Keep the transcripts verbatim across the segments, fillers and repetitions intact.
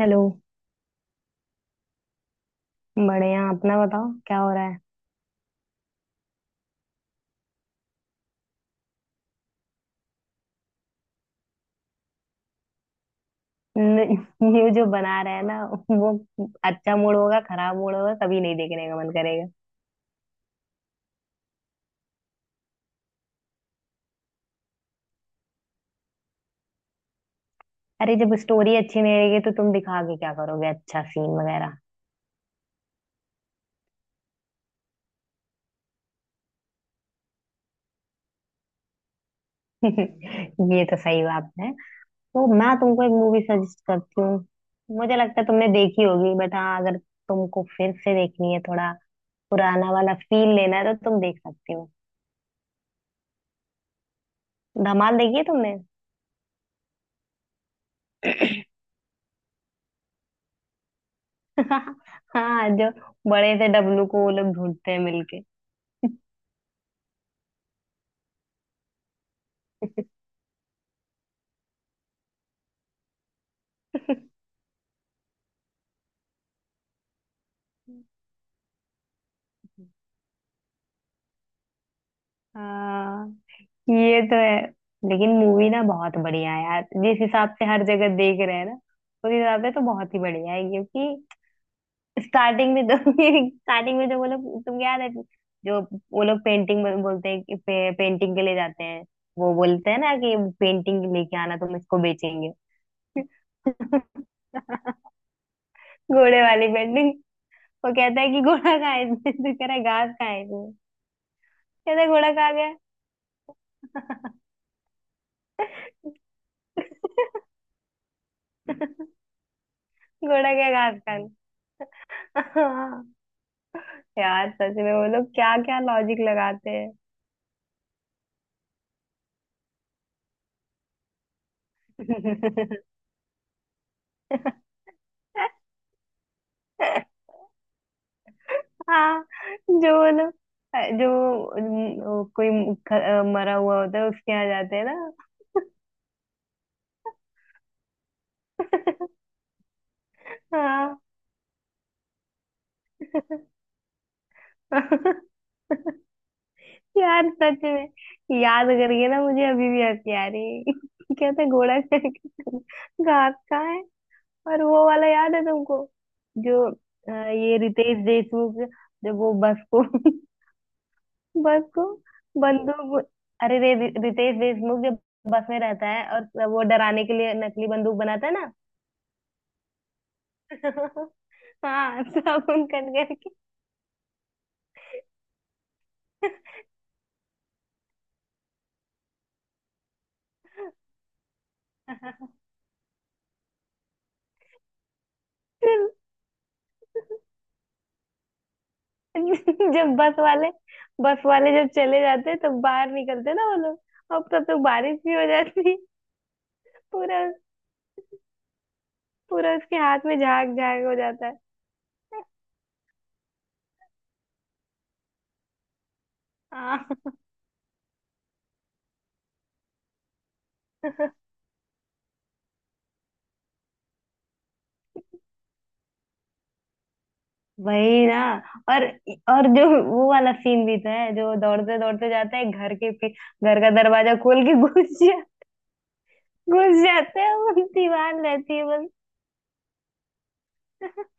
Hello. बढ़िया, अपना बताओ क्या हो रहा है। न- ये जो बना रहा है ना वो, अच्छा मूड होगा खराब मूड होगा कभी नहीं देखने का मन करेगा। अरे जब स्टोरी अच्छी नहीं रहेगी तो तुम दिखा के क्या करोगे अच्छा सीन वगैरह। ये तो सही बात है। तो मैं तुमको एक मूवी सजेस्ट करती हूँ। मुझे लगता है तुमने देखी होगी बट हाँ, अगर तुमको फिर से देखनी है थोड़ा पुराना वाला फील लेना है तो तुम देख सकती हो। धमाल देखी है तुमने? हाँ, जो बड़े से डब्लू को वो लोग ढूंढते हैं मिलके। हाँ, ये तो है। लेकिन मूवी ना बहुत बढ़िया है यार। जिस हिसाब से हर जगह देख रहे हैं ना उस हिसाब से तो बहुत ही बढ़िया है, क्योंकि स्टार्टिंग में तो स्टार्टिंग में जो वो लोग, तुम याद है जो वो लोग पेंटिंग बोलते हैं कि पे, पेंटिंग के लिए जाते हैं। वो बोलते हैं ना कि पेंटिंग लेके आना तुम इसको बेचेंगे। घोड़े वाली पेंटिंग। वो कहता है कि घोड़ा खाए थे तो कह रहा है घास खाए थे। कहता है घोड़ा खा गया। घोड़ा क्या घास खा गया? यार सच में वो लोग क्या क्या लॉजिक लगाते हैं। हाँ, जो वो लोग, जो न- वो कोई ख- मरा हुआ होता है उसके यहाँ जाते हैं ना। हाँ। यार सच में याद करके ना मुझे अभी भी हंसी आ रही है। क्या था घोड़ा चढ़ के, घास कहाँ है। और वो वाला याद है तुमको, जो अ, ये रितेश देशमुख, जब वो बस को बस को बंदूक। अरे रे रितेश देशमुख जब बस में रहता है और वो डराने के लिए नकली बंदूक बनाता है ना। हाँ सब उनकन करके। जब बस वाले बस वाले जब चले जाते हैं तब बाहर निकलते ना वो लोग। अब तब तो बारिश भी हो जाती है। पूरा पूरा उसके हाथ में झाग झाग हो जाता है। हाँ। वही ना। और और जो वो वाला सीन भी तो है, जो दौड़ते दौड़ते जाता है घर के पी- घर का दरवाजा खोल के घुस जा, घुस जाते हैं वो। दीवार रहती है बस।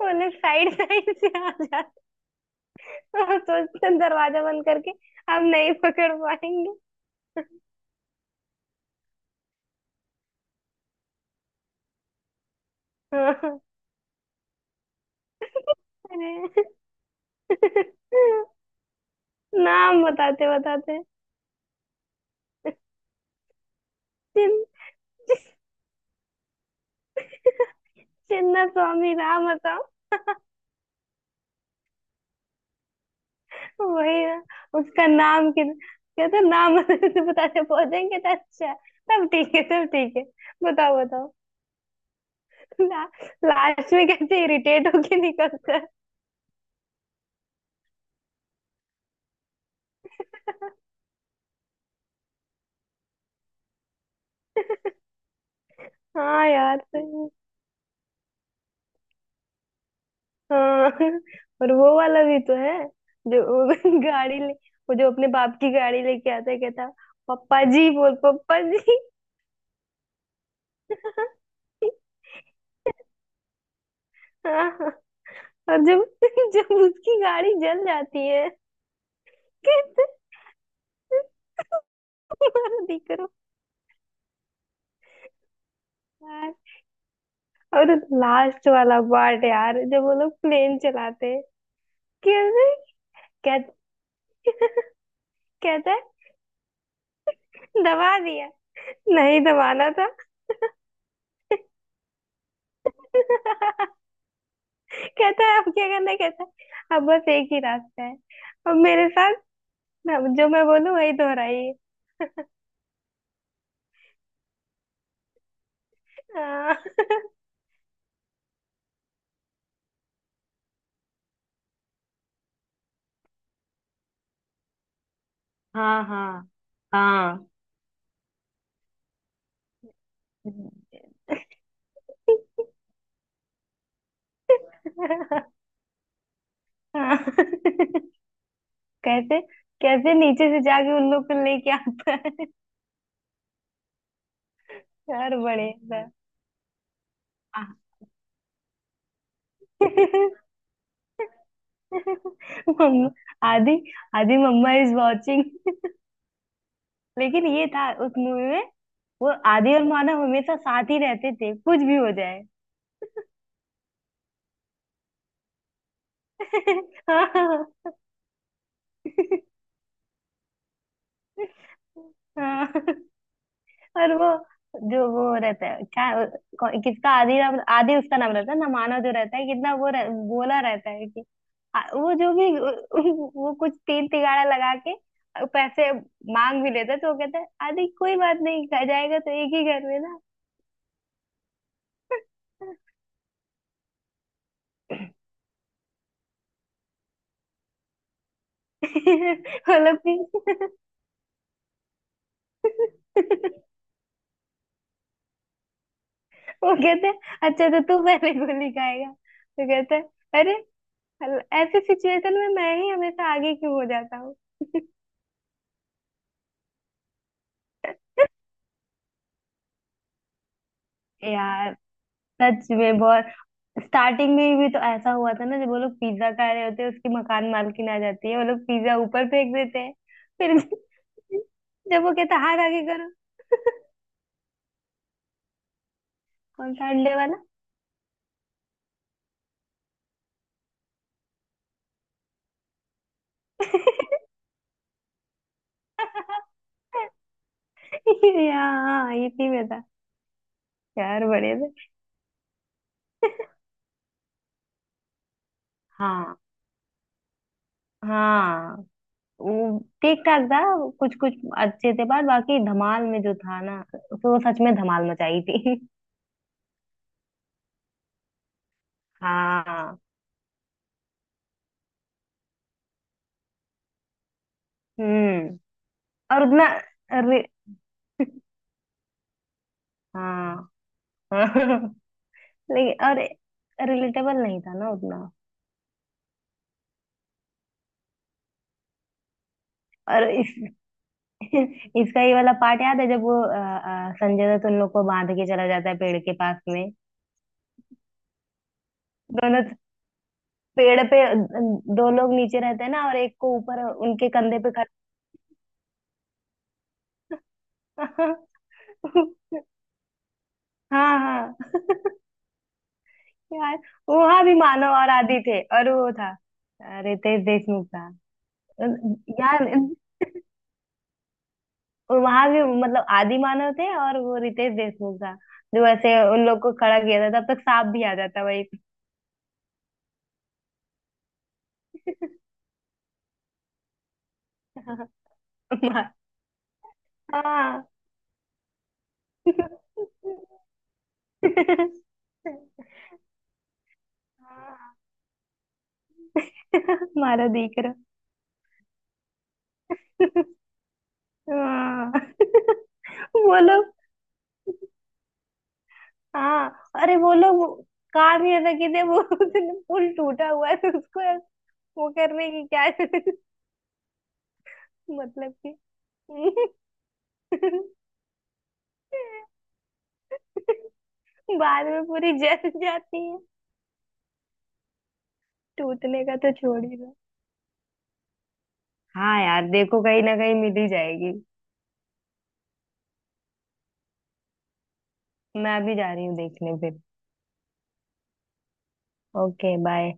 वो लोग साइड साइड से आ जाते हैं। वो सोचते हैं दरवाजा बंद करके हम नहीं पकड़ पाएंगे। हाँ। अरे नाम बताते बताते, चिन चिन्ना स्वामी राम बताओ। वही ना। उसका नाम कि कहते हैं, नाम बताते तो बताते पहुंचेंगे तो अच्छा। तब ठीक है, तब ठीक है, बताओ बताओ। ला, लास्ट में कैसे इरिटेट होके निकलता है। हाँ यार सही है। हाँ। और वो वाला भी तो है, जो वो गाड़ी ले, वो जो अपने बाप की गाड़ी लेके आता है, कहता पप्पा जी बोल पप्पा जी। और जब जब उसकी गाड़ी जल जाती है, कहते "तुम्हारा दिख रहा है।" और लास्ट वाला पार्ट यार, जब वो लोग प्लेन चलाते हैं, कहते कहते कहता है दबा दिया। नहीं दबाना था। कहता है अब क्या करना है?" कहता है अब बस एक ही रास्ता है। अब मेरे साथ जो मैं बोलूं वही दोहराइए। हाँ हाँ हाँ। हाँ। हाँ। कैसे कैसे नीचे से जाके उन लोग को लेके आता है। यार बड़े सर। मम्मा आदि आदि मम्मा इज वॉचिंग। लेकिन ये था उस मूवी में। वो आदि और मानव हमेशा साथ ही रहते थे कुछ भी हो जाए। हाँ हाँ। और वो, जो वो रहता है क्या, कौन- किसका आदि नाम, आदि उसका नाम रहता है ना, मानव जो रहता है कितना वो रह, बोला रहता है कि आ- वो जो भी वो कुछ तीन तिगाड़ा लगा के पैसे मांग भी लेता है, तो वो कहता है आदि कोई बात नहीं, खा जाएगा तो एक ही घर में ना। वो लोग भी वो कहते हैं अच्छा तो तू पहले गोली खाएगा, तो कहता है अरे, हल- ऐसे सिचुएशन में मैं ही हमेशा आगे क्यों हो जाता हूँ। यार सच में बहुत। स्टार्टिंग में भी तो ऐसा हुआ था ना, जब वो लोग पिज्जा खा रहे होते हैं उसकी मकान मालकिन आ जाती है वो लोग पिज्जा ऊपर फेंक देते हैं। फिर भी- जब वो कहता हाथ आगे करो। कौन सा अंडे वाला? ये- हाँ इसी में था। यार बड़े थे। हाँ। हाँ। वो ठीक ठाक था। कुछ कुछ अच्छे थे पर बाकी धमाल में जो था ना तो वो सच में धमाल मचाई थी। हाँ। हम्म। और उतना अरे हाँ। लेकिन और रिलेटेबल नहीं था ना उतना। और इस इसका ये वाला पार्ट याद है, जब वो अ, अ, संजय दत्त उन लोग को बांध के चला जाता है पेड़ के पास में। दोनों पेड़ पे, दो लोग नीचे रहते हैं ना और एक को ऊपर उनके कंधे पे खड़ा। हाँ हाँ। यार वहां भी मानव और आदि थे और वो था अ, रितेश देशमुख था। यार वहां भी मतलब आदि मानव थे और वो रितेश देशमुख था, जो ऐसे उन लोग को खड़ा किया था तब तक सांप भी आ जाता वही। हाँ हाँ। मारा देख रहा। हाँ। वो लोग, हाँ, अरे वो लोग काम ही ऐसा किए थे। वो उसने पुल टूटा हुआ है तो उसको वो करने की क्या। मतलब कि बाद में पूरी जल जाती है। टूटने का तो छोड़ ही दो। हाँ यार देखो कहीं ना कहीं मिल ही जाएगी। मैं अभी जा रही हूँ देखने फिर। Okay bye.